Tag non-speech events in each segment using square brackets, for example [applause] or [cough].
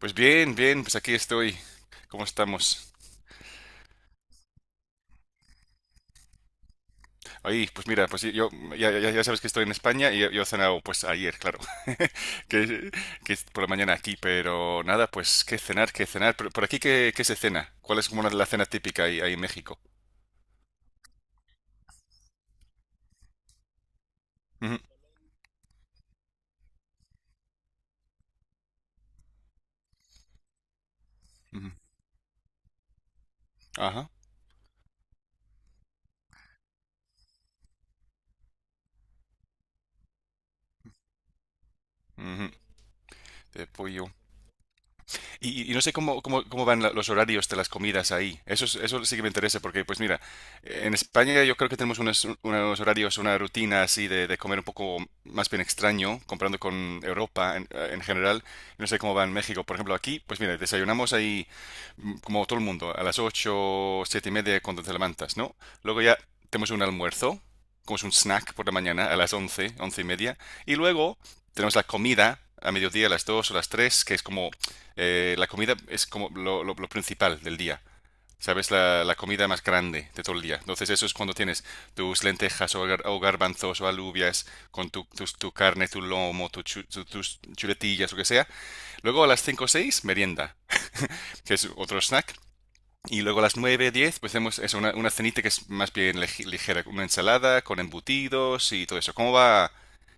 Pues bien, bien, pues aquí estoy. ¿Cómo estamos? Ahí, pues mira, pues yo ya sabes que estoy en España y yo he cenado pues ayer, claro, [laughs] que, que es por la mañana aquí, pero nada, pues qué cenar, qué cenar. Pero, por aquí, qué se cena? ¿Cuál es como la cena típica ahí, ahí en México? Ujú, ujú. Ajá, ujú. De pollo. Y no sé cómo van los horarios de las comidas ahí. Eso, eso sí que me interesa porque, pues mira, en España yo creo que tenemos unos horarios, una rutina así de comer un poco más bien extraño, comparando con Europa en general. No sé cómo va en México. Por ejemplo, aquí, pues mira, desayunamos ahí como todo el mundo, a las 8, 7:30 cuando te levantas, ¿no? Luego ya tenemos un almuerzo, como es un snack por la mañana a las 11, 11:30. Y luego tenemos la comida a mediodía, a las 2 o las 3, que es como la comida es como lo principal del día, ¿sabes? La comida más grande de todo el día. Entonces eso es cuando tienes tus lentejas o, o garbanzos o alubias con tu carne, tu lomo, tus chuletillas, lo que sea. Luego a las 5 o 6 merienda, que es otro snack. Y luego a las 9, 10 pues hacemos eso, una cenita que es más bien ligera, una ensalada con embutidos y todo eso. ¿Cómo va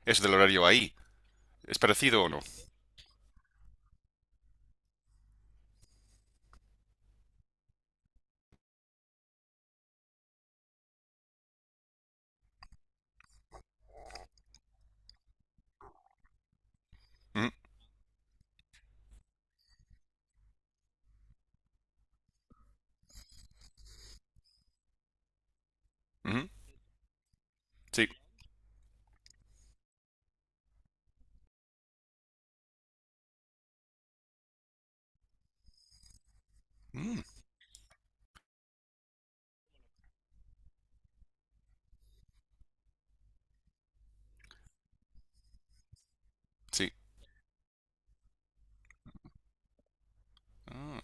eso del horario ahí? ¿Es parecido o no? Mm, ujú, sí. Mm, sí. Ah,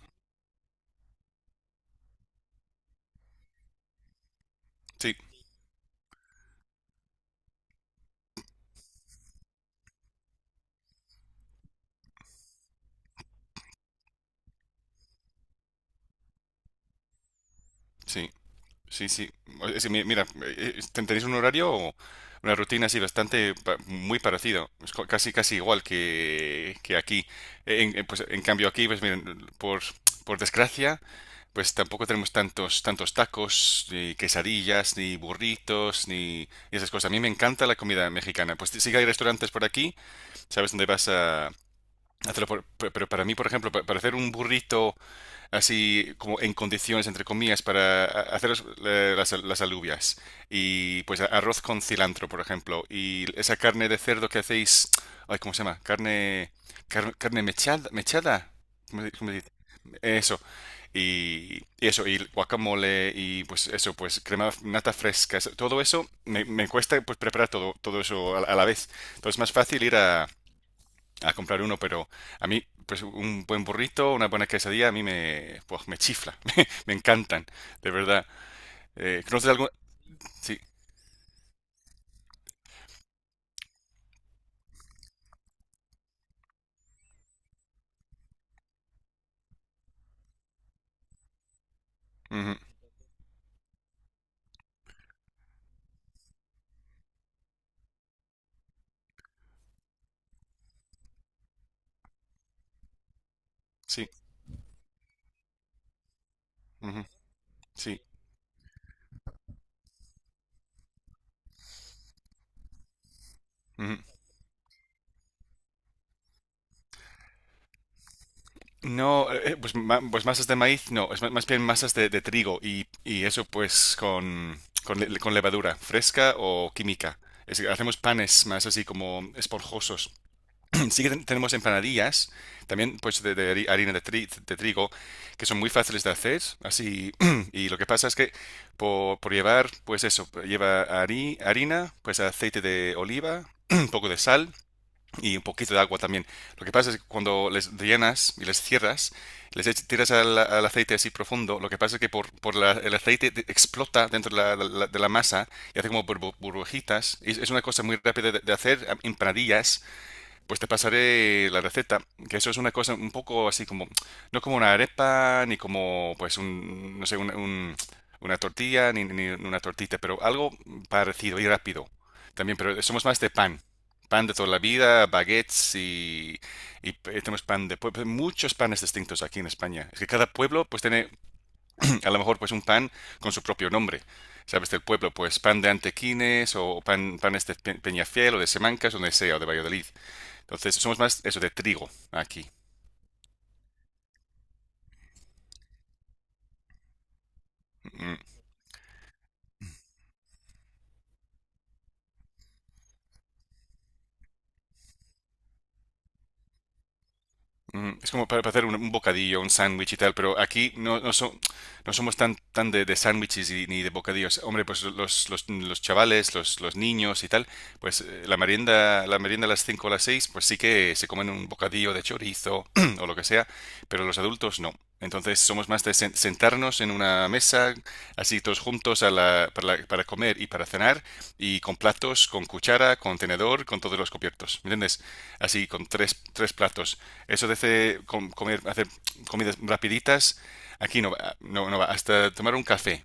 sí. Sí. Sí, sí. Mira, tenéis un horario o una rutina así muy parecido. Es casi casi igual que aquí. Pues, en cambio aquí, pues miren, por, por desgracia, pues tampoco tenemos tantos tantos tacos, ni quesadillas, ni burritos, ni esas cosas. A mí me encanta la comida mexicana. Pues sí sí que hay restaurantes por aquí, sabes dónde vas a hacerlo. Pero para mí, por ejemplo, para hacer un burrito así como en condiciones, entre comillas, hacer las alubias. Y pues arroz con cilantro, por ejemplo. Y esa carne de cerdo que hacéis, ay, ¿cómo se llama? Carne, carne mechada, mechada. Cómo se dice? Eso. Y eso, y guacamole, y pues eso, pues crema nata fresca, todo eso me, me cuesta pues preparar todo, todo eso a la vez. Entonces es más fácil ir a comprar uno, pero a mí, pues un buen burrito, una buena quesadilla, a mí me, pues, me chifla, [laughs] me encantan, de verdad. ¿Conoces algo? Sí, ujú, sí, ujú, sí. Ujú. No, pues masas de maíz, no, más bien masas de trigo y eso pues con, con levadura, fresca o química. Hacemos panes más así como esponjosos. [laughs] Sí que tenemos empanadillas, también pues de harina de trigo, que son muy fáciles de hacer, así, [clears throat] y lo que pasa es que por llevar, pues eso, lleva harina, pues aceite de oliva, [clears throat] un poco de sal y un poquito de agua también. Lo que pasa es que cuando les llenas y les cierras, tiras al, al aceite así profundo, lo que pasa es que por, por el aceite explota dentro de la masa y hace como burbujitas. Es una cosa muy rápida de hacer, empanadillas pues te pasaré la receta, que eso es una cosa un poco así como, no como una arepa, ni como, pues, un, no sé, una tortilla, ni, ni una tortita, pero algo parecido y rápido. También, pero somos más de pan. Pan de toda la vida, baguettes y, tenemos pan de pueblo, muchos panes distintos aquí en España. Es que cada pueblo pues tiene [clears throat] a lo mejor pues un pan con su propio nombre. ¿Sabes? Del pueblo, pues pan de Antequines o pan, panes de Peñafiel o de Semancas, o donde sea, o de Valladolid. Entonces, somos más eso de trigo aquí. Mm. Mm. Ujú. Es como para hacer un bocadillo, un sándwich y tal, pero aquí no, no, no somos tan, tan de sándwiches ni de bocadillos. Hombre, pues los chavales, los niños y tal, pues la merienda a las 5 o las 6 pues sí que se comen un bocadillo de chorizo [clears throat] o lo que sea, pero los adultos no. Entonces somos más de sentarnos en una mesa, así todos juntos a la- para comer y para cenar, y con platos, con cuchara, con tenedor, con todos los cubiertos, ¿me entiendes? Así, con tres, tres platos. Eso de hacer, comer, hacer comidas rapiditas, aquí no va, no, no va. Hasta tomar un café.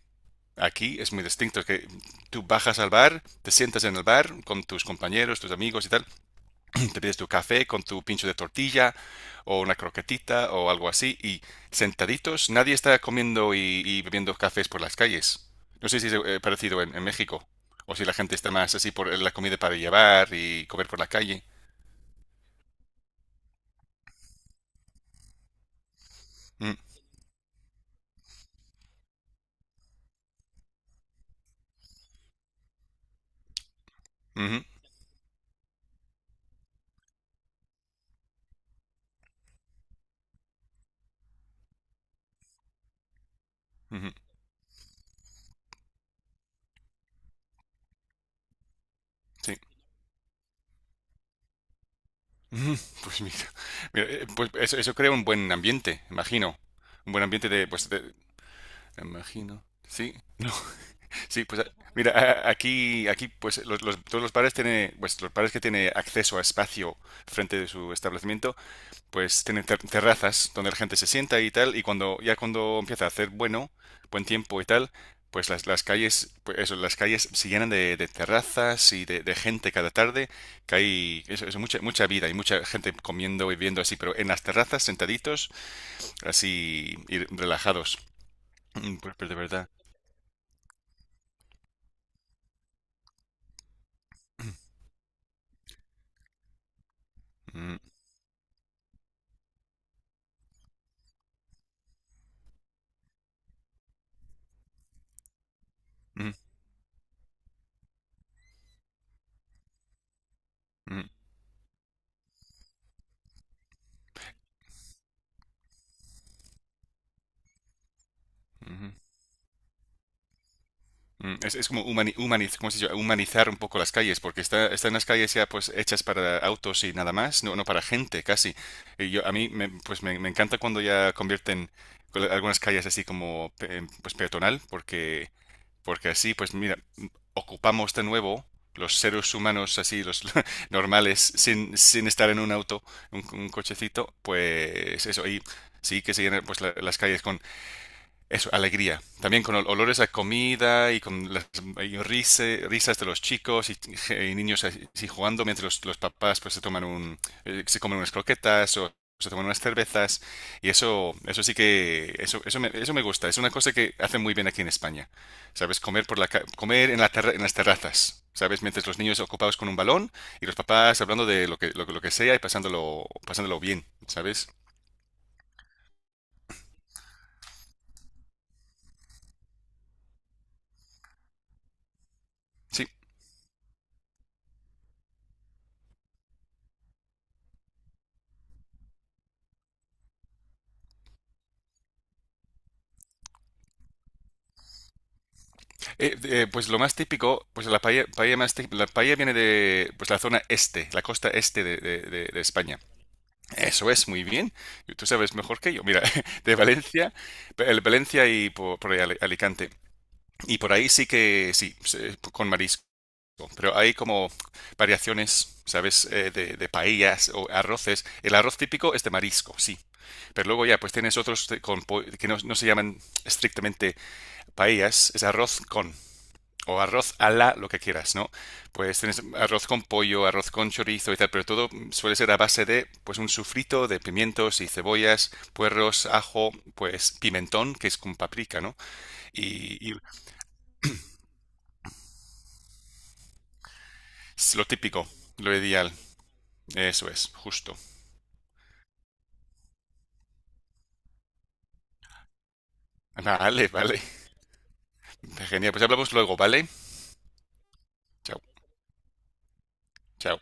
Aquí es muy distinto, es que tú bajas al bar, te sientas en el bar con tus compañeros, tus amigos y tal, [clears throat] te pides tu café con tu pincho de tortilla o una croquetita o algo así y sentaditos, nadie está comiendo y bebiendo cafés por las calles. No sé si es parecido en México o si la gente está más así por la comida para llevar y comer por la calle. Mm, ujú, ujú, sí. Ujú, [laughs] pues mira, mira, pues eso crea un buen ambiente, imagino. Un buen ambiente de, pues, imagino. Sí, no. [laughs] Sí, pues mira, aquí, pues todos los bares tienen, pues los bares que tienen acceso a espacio frente de su establecimiento pues tienen terrazas donde la gente se sienta y tal, y cuando ya cuando empieza a hacer bueno, buen tiempo y tal, pues las calles, pues eso, las calles se llenan de terrazas y de gente cada tarde, que hay eso, eso, mucha vida y mucha gente comiendo y viendo así, pero en las terrazas sentaditos, así y relajados. Mm, pues, pues de verdad. Mm, mm, mm, ujú. Mm, es como ¿cómo se dice? Humanizar un poco las calles, porque está, están las calles ya pues hechas para autos y nada más, no, no para gente casi. Y yo, a mí me, pues me encanta cuando ya convierten algunas calles así como pues peatonal, porque, porque así pues mira, ocupamos de nuevo los seres humanos así, los [laughs] normales, sin, sin estar en un auto, un cochecito, pues eso, y sí que se llenan pues las calles con eso, alegría. También con olores a comida y con las y risas de los chicos y niños así así jugando mientras los papás pues se toman un, se comen unas croquetas o se toman unas cervezas. Y eso sí que, eso, eso me gusta. Es una cosa que hacen muy bien aquí en España. ¿Sabes? Comer por comer en en las terrazas. ¿Sabes? Mientras los niños ocupados con un balón y los papás hablando de lo que, lo que sea y pasándolo, pasándolo bien. ¿Sabes? Sí. Pues lo más típico, pues la paella, la paella viene de pues la zona este, la costa este de España. Eso es, muy bien. Tú sabes mejor que yo. Mira, [laughs] de Valencia, el Valencia y por ahí Alicante. Y por ahí sí que, sí, con marisco. Pero hay como variaciones, ¿sabes? De paellas o arroces. El arroz típico es de marisco, sí. Pero luego ya, pues tienes otros que no, no se llaman estrictamente paellas, es arroz con o arroz a la, lo que quieras, ¿no? Pues tienes arroz con pollo, arroz con chorizo y tal, pero todo suele ser a base de, pues, un sufrito de pimientos y cebollas, puerros, ajo, pues, pimentón, que es con paprika, ¿no? Y es lo típico, lo ideal, eso es, justo. [laughs] Vale, vale, genial, pues hablamos luego, ¿vale? Chao, chao.